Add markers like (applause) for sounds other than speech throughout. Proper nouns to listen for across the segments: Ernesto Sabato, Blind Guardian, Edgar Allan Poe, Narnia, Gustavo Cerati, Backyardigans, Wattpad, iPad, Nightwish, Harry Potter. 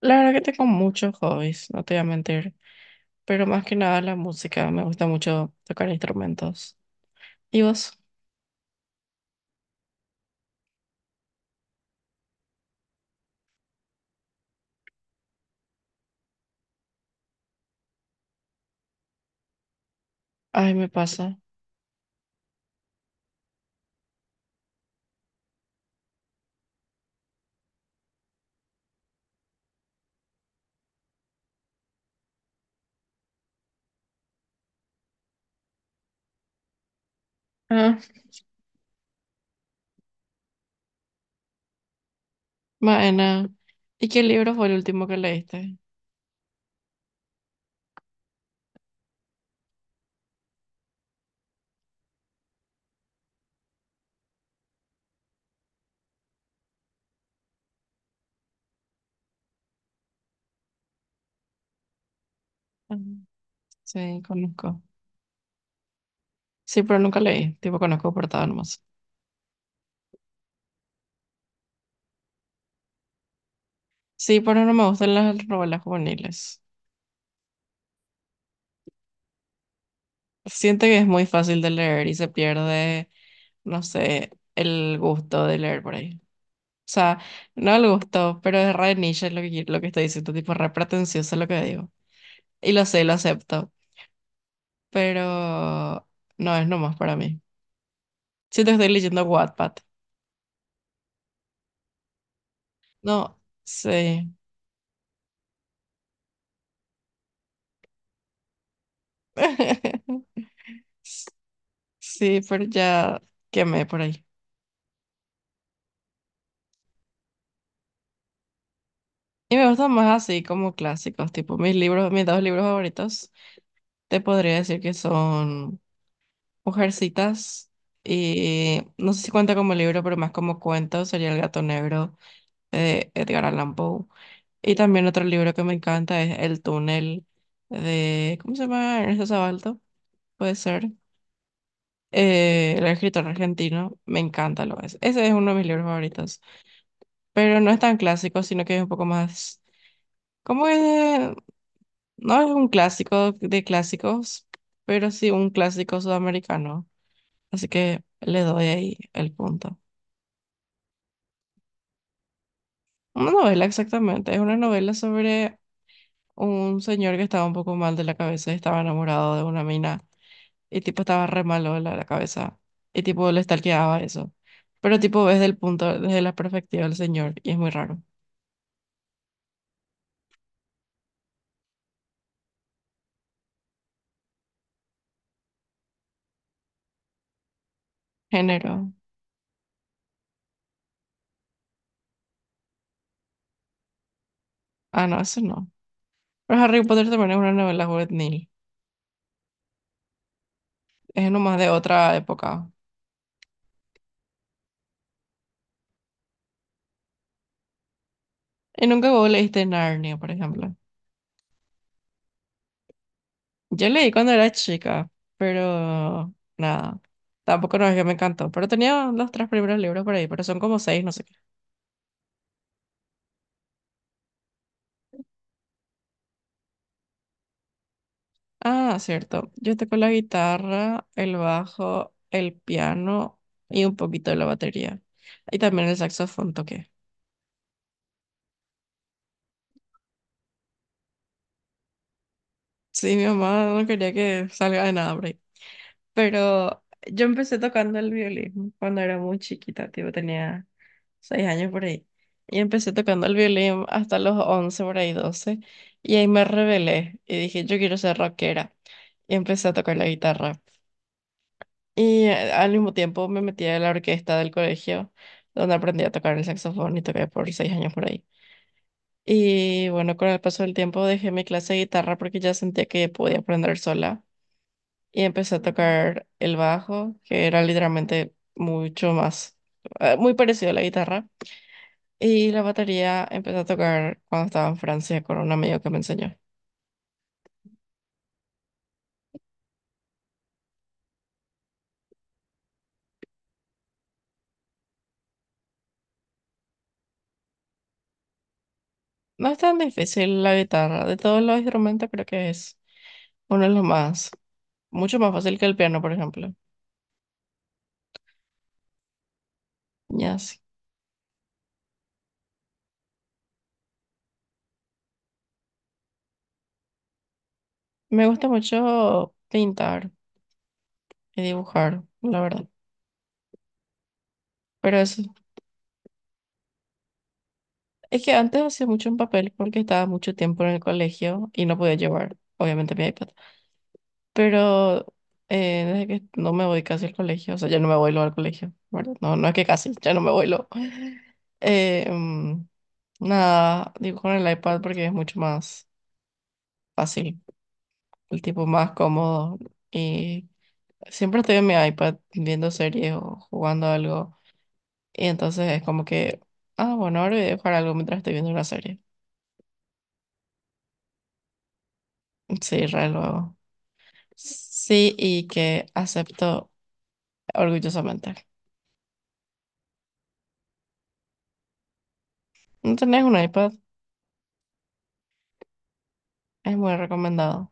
La verdad que tengo muchos hobbies, no te voy a mentir, pero más que nada la música, me gusta mucho tocar instrumentos. ¿Y vos? Ay, me pasa. Ah. Maena. ¿Y qué libro fue el último que leíste? Ah. Sí, conozco. Sí, pero nunca leí, tipo conozco portada nomás. Sí, pero no me gustan las novelas juveniles. Siento que es muy fácil de leer y se pierde, no sé, el gusto de leer por ahí. O sea, no le gustó, pero es re niche lo que estoy diciendo, tipo re pretencioso lo que digo. Y lo sé, lo acepto, pero no es nomás para mí. Siento que estoy leyendo Wattpad. No, sí. (laughs) Sí, pero ya quemé por ahí. Y me gustan más así como clásicos, tipo mis libros, mis dos libros favoritos, te podría decir que son Mujercitas y no sé si cuenta como libro, pero más como cuento, sería El gato negro de Edgar Allan Poe. Y también otro libro que me encanta es El túnel de, ¿cómo se llama? Ernesto Sabalto, puede ser. El escritor argentino, me encanta lo es. Ese es uno de mis libros favoritos, pero no es tan clásico, sino que es un poco más, ¿cómo es? No es un clásico de clásicos, pero sí un clásico sudamericano. Así que le doy ahí el punto. Una novela exactamente, es una novela sobre un señor que estaba un poco mal de la cabeza y estaba enamorado de una mina y tipo estaba re malo de la cabeza y tipo le stalkeaba eso. Pero tipo ves del punto, desde la perspectiva del señor y es muy raro. Género. Ah, no, eso no. Pero Harry Potter también es una novela juvenil. Es nomás de otra época. Y nunca vos leíste Narnia, por ejemplo. Yo leí cuando era chica, pero nada. Tampoco no es que me encantó. Pero tenía los tres primeros libros por ahí, pero son como seis, no sé qué. Ah, cierto. Yo toco la guitarra, el bajo, el piano y un poquito de la batería. Y también el saxofón toqué. Sí, mi mamá no quería que salga de nada, por ahí. Pero yo empecé tocando el violín cuando era muy chiquita, tipo tenía 6 años por ahí. Y empecé tocando el violín hasta los 11 por ahí 12. Y ahí me rebelé y dije, yo quiero ser rockera. Y empecé a tocar la guitarra. Y al mismo tiempo me metí a la orquesta del colegio, donde aprendí a tocar el saxofón y toqué por 6 años por ahí. Y bueno, con el paso del tiempo dejé mi clase de guitarra porque ya sentía que podía aprender sola. Y empecé a tocar el bajo, que era literalmente mucho más, muy parecido a la guitarra. Y la batería empecé a tocar cuando estaba en Francia con un amigo que me enseñó. No es tan difícil la guitarra. De todos los instrumentos creo que es uno de los más, mucho más fácil que el piano, por ejemplo. Ya. Me gusta mucho pintar y dibujar, la verdad. Pero eso, es que antes hacía mucho en papel porque estaba mucho tiempo en el colegio y no podía llevar, obviamente, mi iPad. Pero desde que no me voy casi al colegio, o sea, ya no me voy luego al colegio, ¿verdad? No, no es que casi, ya no me voy luego. (laughs) Eh, mm, nada, dibujo en el iPad porque es mucho más fácil, el tipo más cómodo y siempre estoy en mi iPad viendo series o jugando algo. Y entonces es como que, ah, bueno, ahora voy a jugar algo mientras estoy viendo una serie. Sí, re lo hago. Sí, y que acepto orgullosamente. No tenés un iPad, es muy recomendado.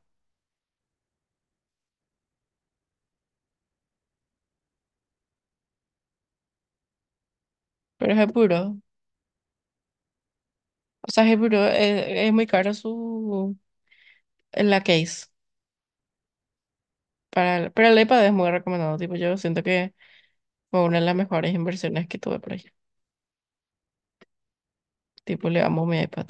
Pero es puro. O sea, es puro es muy caro su en la case. Pero el iPad es muy recomendado. Tipo, yo siento que fue una de las mejores inversiones que tuve por ahí. Tipo, le amo mi iPad.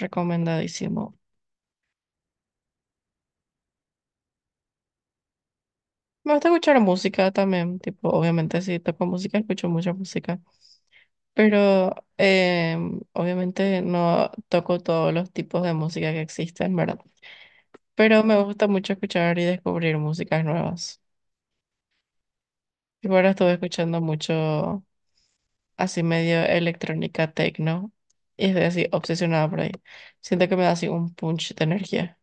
Recomendadísimo. Me gusta escuchar música también. Tipo, obviamente si toco música, escucho mucha música. Pero obviamente no toco todos los tipos de música que existen, ¿verdad? Pero me gusta mucho escuchar y descubrir músicas nuevas. Y ahora estuve escuchando mucho así medio electrónica techno y estoy así obsesionada por ahí. Siento que me da así un punch de energía,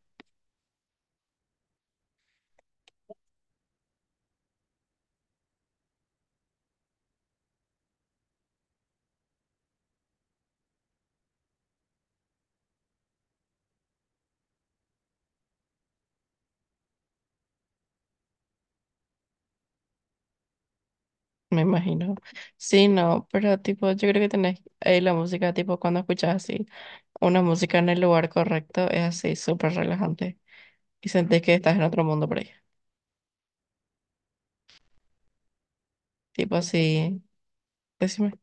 me imagino. Sí, no, pero tipo, yo creo que tenés ahí la música, tipo cuando escuchas así una música en el lugar correcto, es así súper relajante y sentís que estás en otro mundo por ahí. Tipo así. Decime.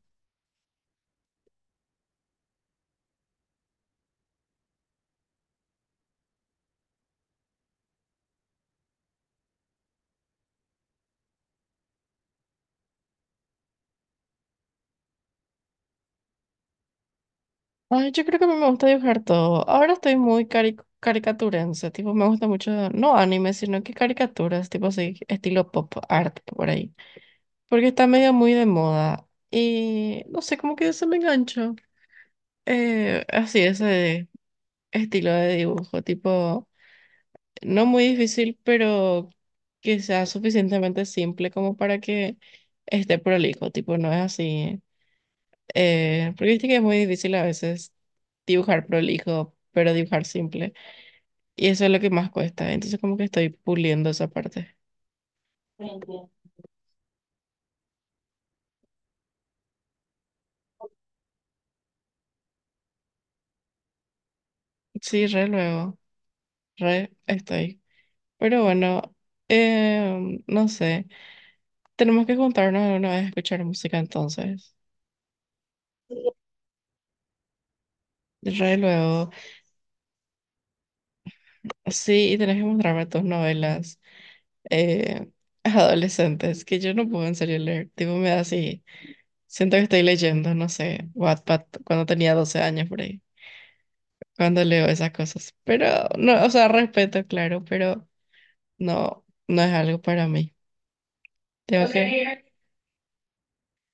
Ay, yo creo que a mí me gusta dibujar todo. Ahora estoy muy caricaturense, tipo, me gusta mucho, no anime, sino que caricaturas, tipo así, estilo pop art por ahí. Porque está medio muy de moda. Y no sé, como que se me enganchó. Así, ese estilo de dibujo, tipo, no muy difícil, pero que sea suficientemente simple como para que esté prolijo, tipo, no es así. Porque viste que es muy difícil a veces dibujar prolijo, pero dibujar simple. Y eso es lo que más cuesta. Entonces como que estoy puliendo esa parte. Entiendo. Sí, re luego, re estoy. Pero bueno, no sé. Tenemos que juntarnos alguna vez a escuchar música entonces. Sí, re luego. Sí, y tenés que mostrarme tus novelas eh, (laughs) adolescentes, que yo no puedo en serio leer. Tipo, me da así. Siento que estoy leyendo, no sé, Wattpad cuando tenía 12 años por ahí, cuando leo esas cosas. Pero, no, o sea, respeto, claro, pero no, no es algo para mí. Tengo que...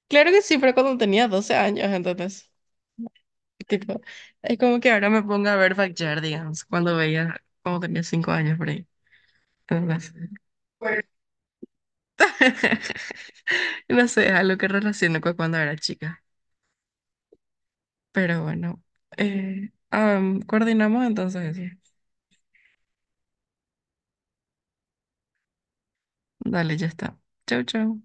Claro que sí, pero cuando tenía 12 años, entonces, tipo, es como que ahora me pongo a ver Backyardigans, cuando veía, cuando tenía 5 años por ahí. Entonces, (laughs) no sé, es algo que relaciono con cuando era chica. Pero bueno, ah, coordinamos entonces eso. Dale, ya está. Chau, chau.